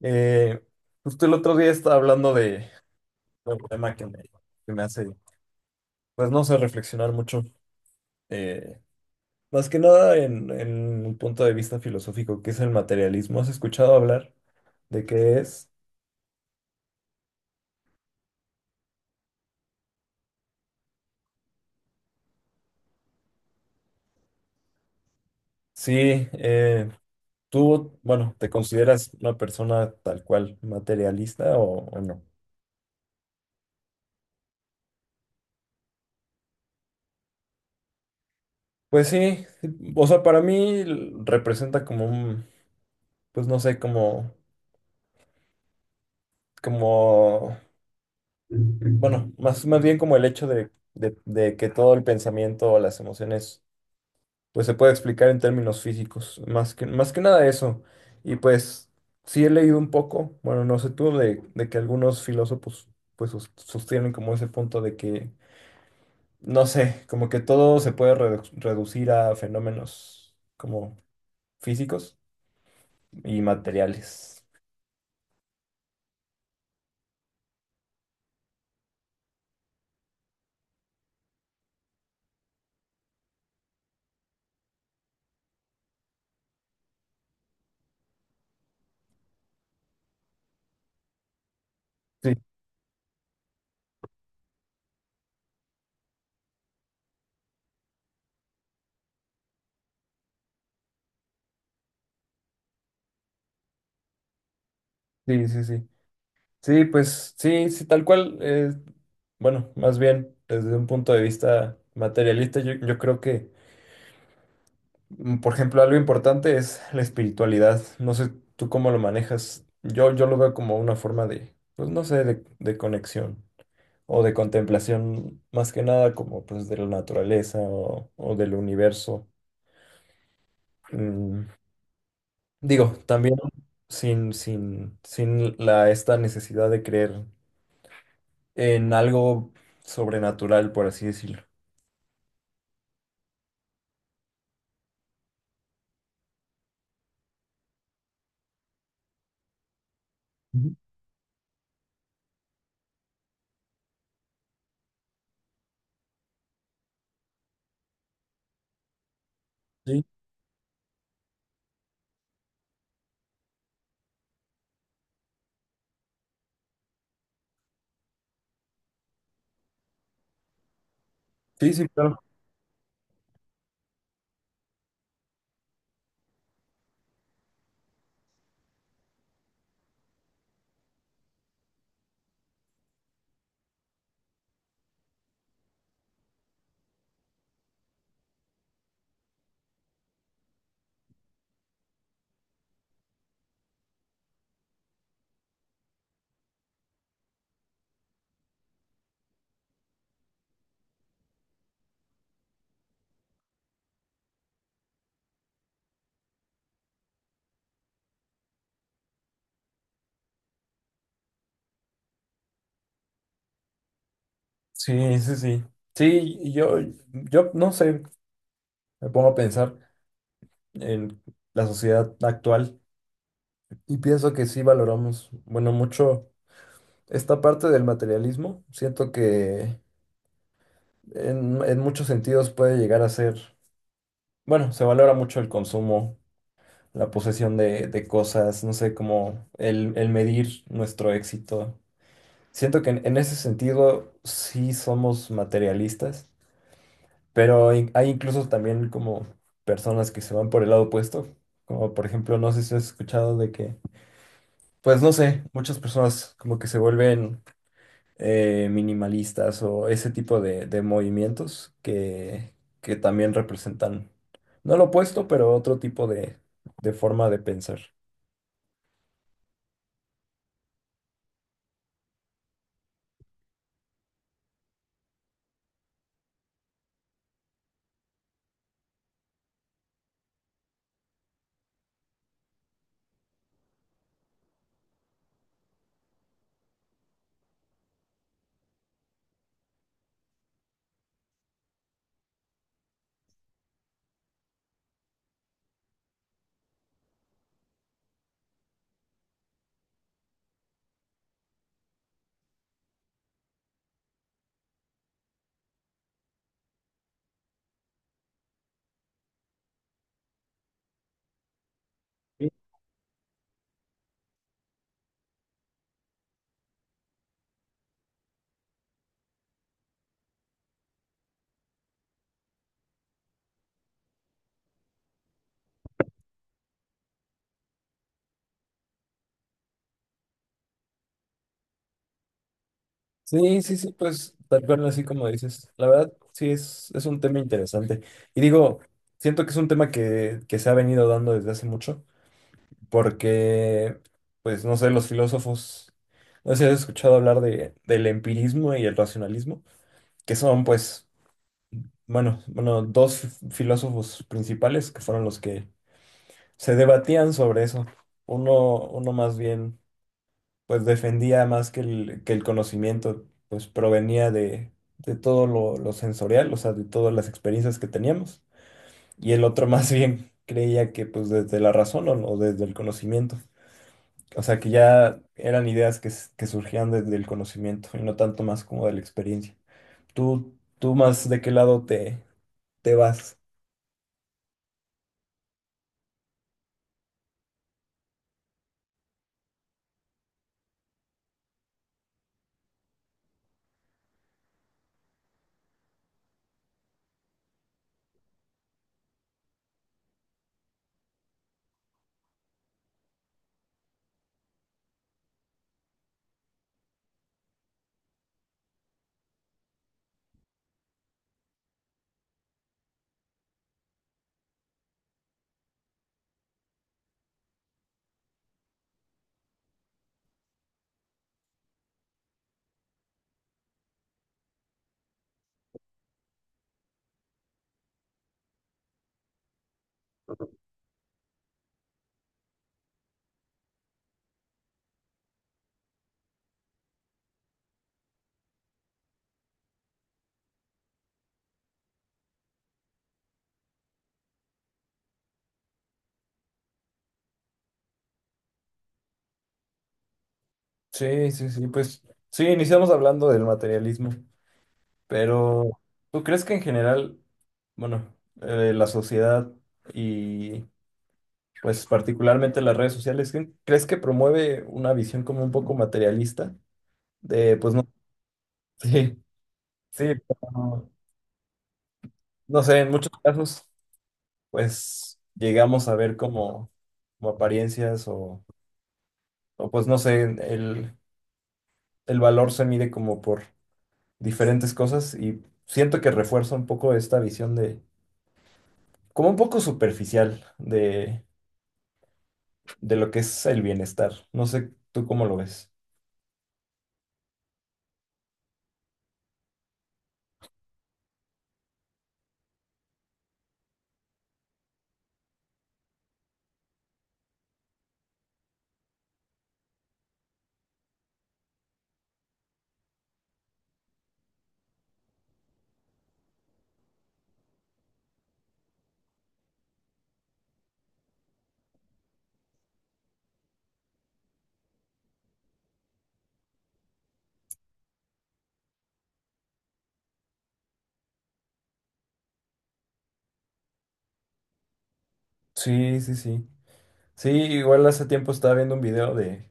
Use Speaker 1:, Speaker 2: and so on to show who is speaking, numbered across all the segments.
Speaker 1: Eh, Justo el otro día estaba hablando de un tema que me hace, pues no sé, reflexionar mucho. eh, Más que nada en un punto de vista filosófico, que es el materialismo. ¿Has escuchado hablar de qué es? Sí, tú, bueno, ¿te consideras una persona tal cual materialista o no? Pues sí, sí, o sea, para mí representa como un, pues no sé, como, como bueno, más bien como el hecho de que todo el pensamiento o las emociones pues se puede explicar en términos físicos, más que nada eso. Y pues sí he leído un poco, bueno, no sé tú, de que algunos filósofos pues sostienen como ese punto de que, no sé, como que todo se puede reducir a fenómenos como físicos y materiales. Sí, sí, sí, sí. Sí, pues sí, sí, tal cual. Bueno, más bien desde un punto de vista materialista, yo creo que, por ejemplo, algo importante es la espiritualidad. No sé tú cómo lo manejas. Yo lo veo como una forma de, pues no sé, de conexión o de contemplación, más que nada como pues de la naturaleza o del universo. Mm, digo, también sin la, esta necesidad de creer en algo sobrenatural, por así decirlo. Ujú. Sí. Sí, sí, claro. Sí, sí, sí. Sí, y yo, yo no sé, me pongo a pensar en la sociedad actual y pienso que sí valoramos, bueno, mucho esta parte del materialismo. Siento que en muchos sentidos puede llegar a ser, bueno, se valora mucho el consumo, la posesión de cosas, no sé, como el medir nuestro éxito. Siento que en ese sentido sí somos materialistas, pero hay incluso también como personas que se van por el lado opuesto, como por ejemplo, no sé si has escuchado de que, pues no sé, muchas personas como que se vuelven minimalistas o ese tipo de movimientos que también representan, no lo opuesto, pero otro tipo de forma de pensar. Sí, sí, sí, pues tal cual así como dices. La verdad, sí, es un tema interesante. Y digo, siento que es un tema que se ha venido dando desde hace mucho, porque, pues, no sé, los filósofos, no sé si has escuchado hablar de, del empirismo y el racionalismo, que son, pues, bueno, dos filósofos principales que fueron los que se debatían sobre eso. Uno, uno más bien pues defendía más que que el conocimiento, pues provenía de todo lo sensorial, o sea, de todas las experiencias que teníamos. Y el otro más bien creía que pues desde la razón o desde el conocimiento. O sea, que ya eran ideas que, que surgían desde el conocimiento y no tanto más como de la experiencia. ¿Tú, tú más de qué lado te, te vas? Sí, sí, sí, pues sí, iniciamos hablando del materialismo. Pero, ¿tú crees que en general, bueno, la sociedad y pues particularmente las redes sociales, ¿ crees que promueve una visión como un poco materialista? De, pues no, sí, sí, pero, no sé, en muchos casos, pues llegamos a ver como, como apariencias o pues no sé, el valor se mide como por diferentes cosas y siento que refuerza un poco esta visión de, como un poco superficial de lo que es el bienestar. No sé, ¿tú cómo lo ves? Sí, sí, sí. Sí, igual hace tiempo estaba viendo un video de,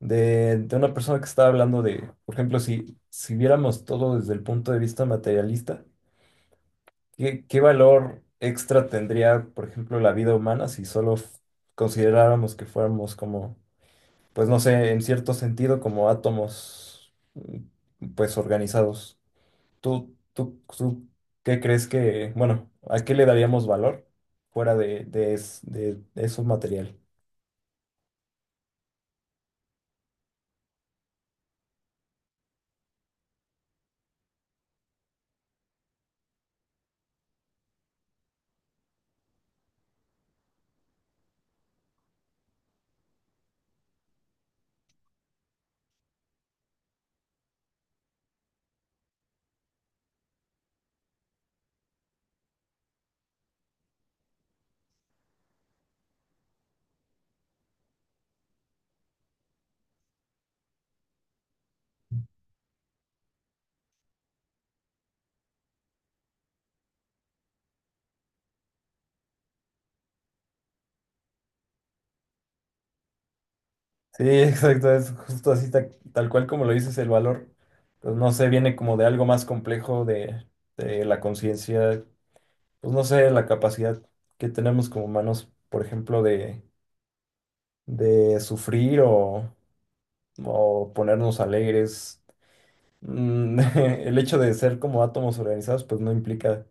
Speaker 1: de, de una persona que estaba hablando de, por ejemplo, si, si viéramos todo desde el punto de vista materialista, ¿qué, qué valor extra tendría, por ejemplo, la vida humana si solo consideráramos que fuéramos como, pues no sé, en cierto sentido, como átomos, mm, pues organizados? ¿Tú, tú, tú qué crees que, bueno, a qué le daríamos valor fuera de esos materiales? Sí, exacto, es justo así, tal cual como lo dices, el valor, pues no sé, viene como de algo más complejo de la conciencia, pues no sé, la capacidad que tenemos como humanos, por ejemplo, de sufrir o ponernos alegres. Mm, el hecho de ser como átomos organizados, pues no implica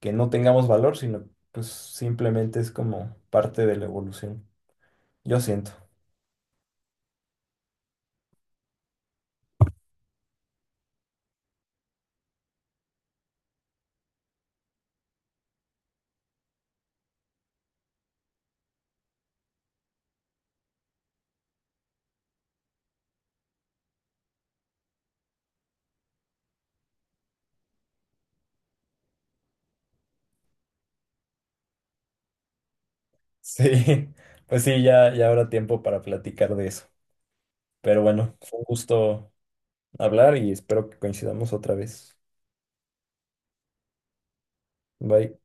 Speaker 1: que no tengamos valor, sino pues simplemente es como parte de la evolución. Yo siento. Sí, pues sí, ya, ya habrá tiempo para platicar de eso. Pero bueno, fue un gusto hablar y espero que coincidamos otra vez. Bye.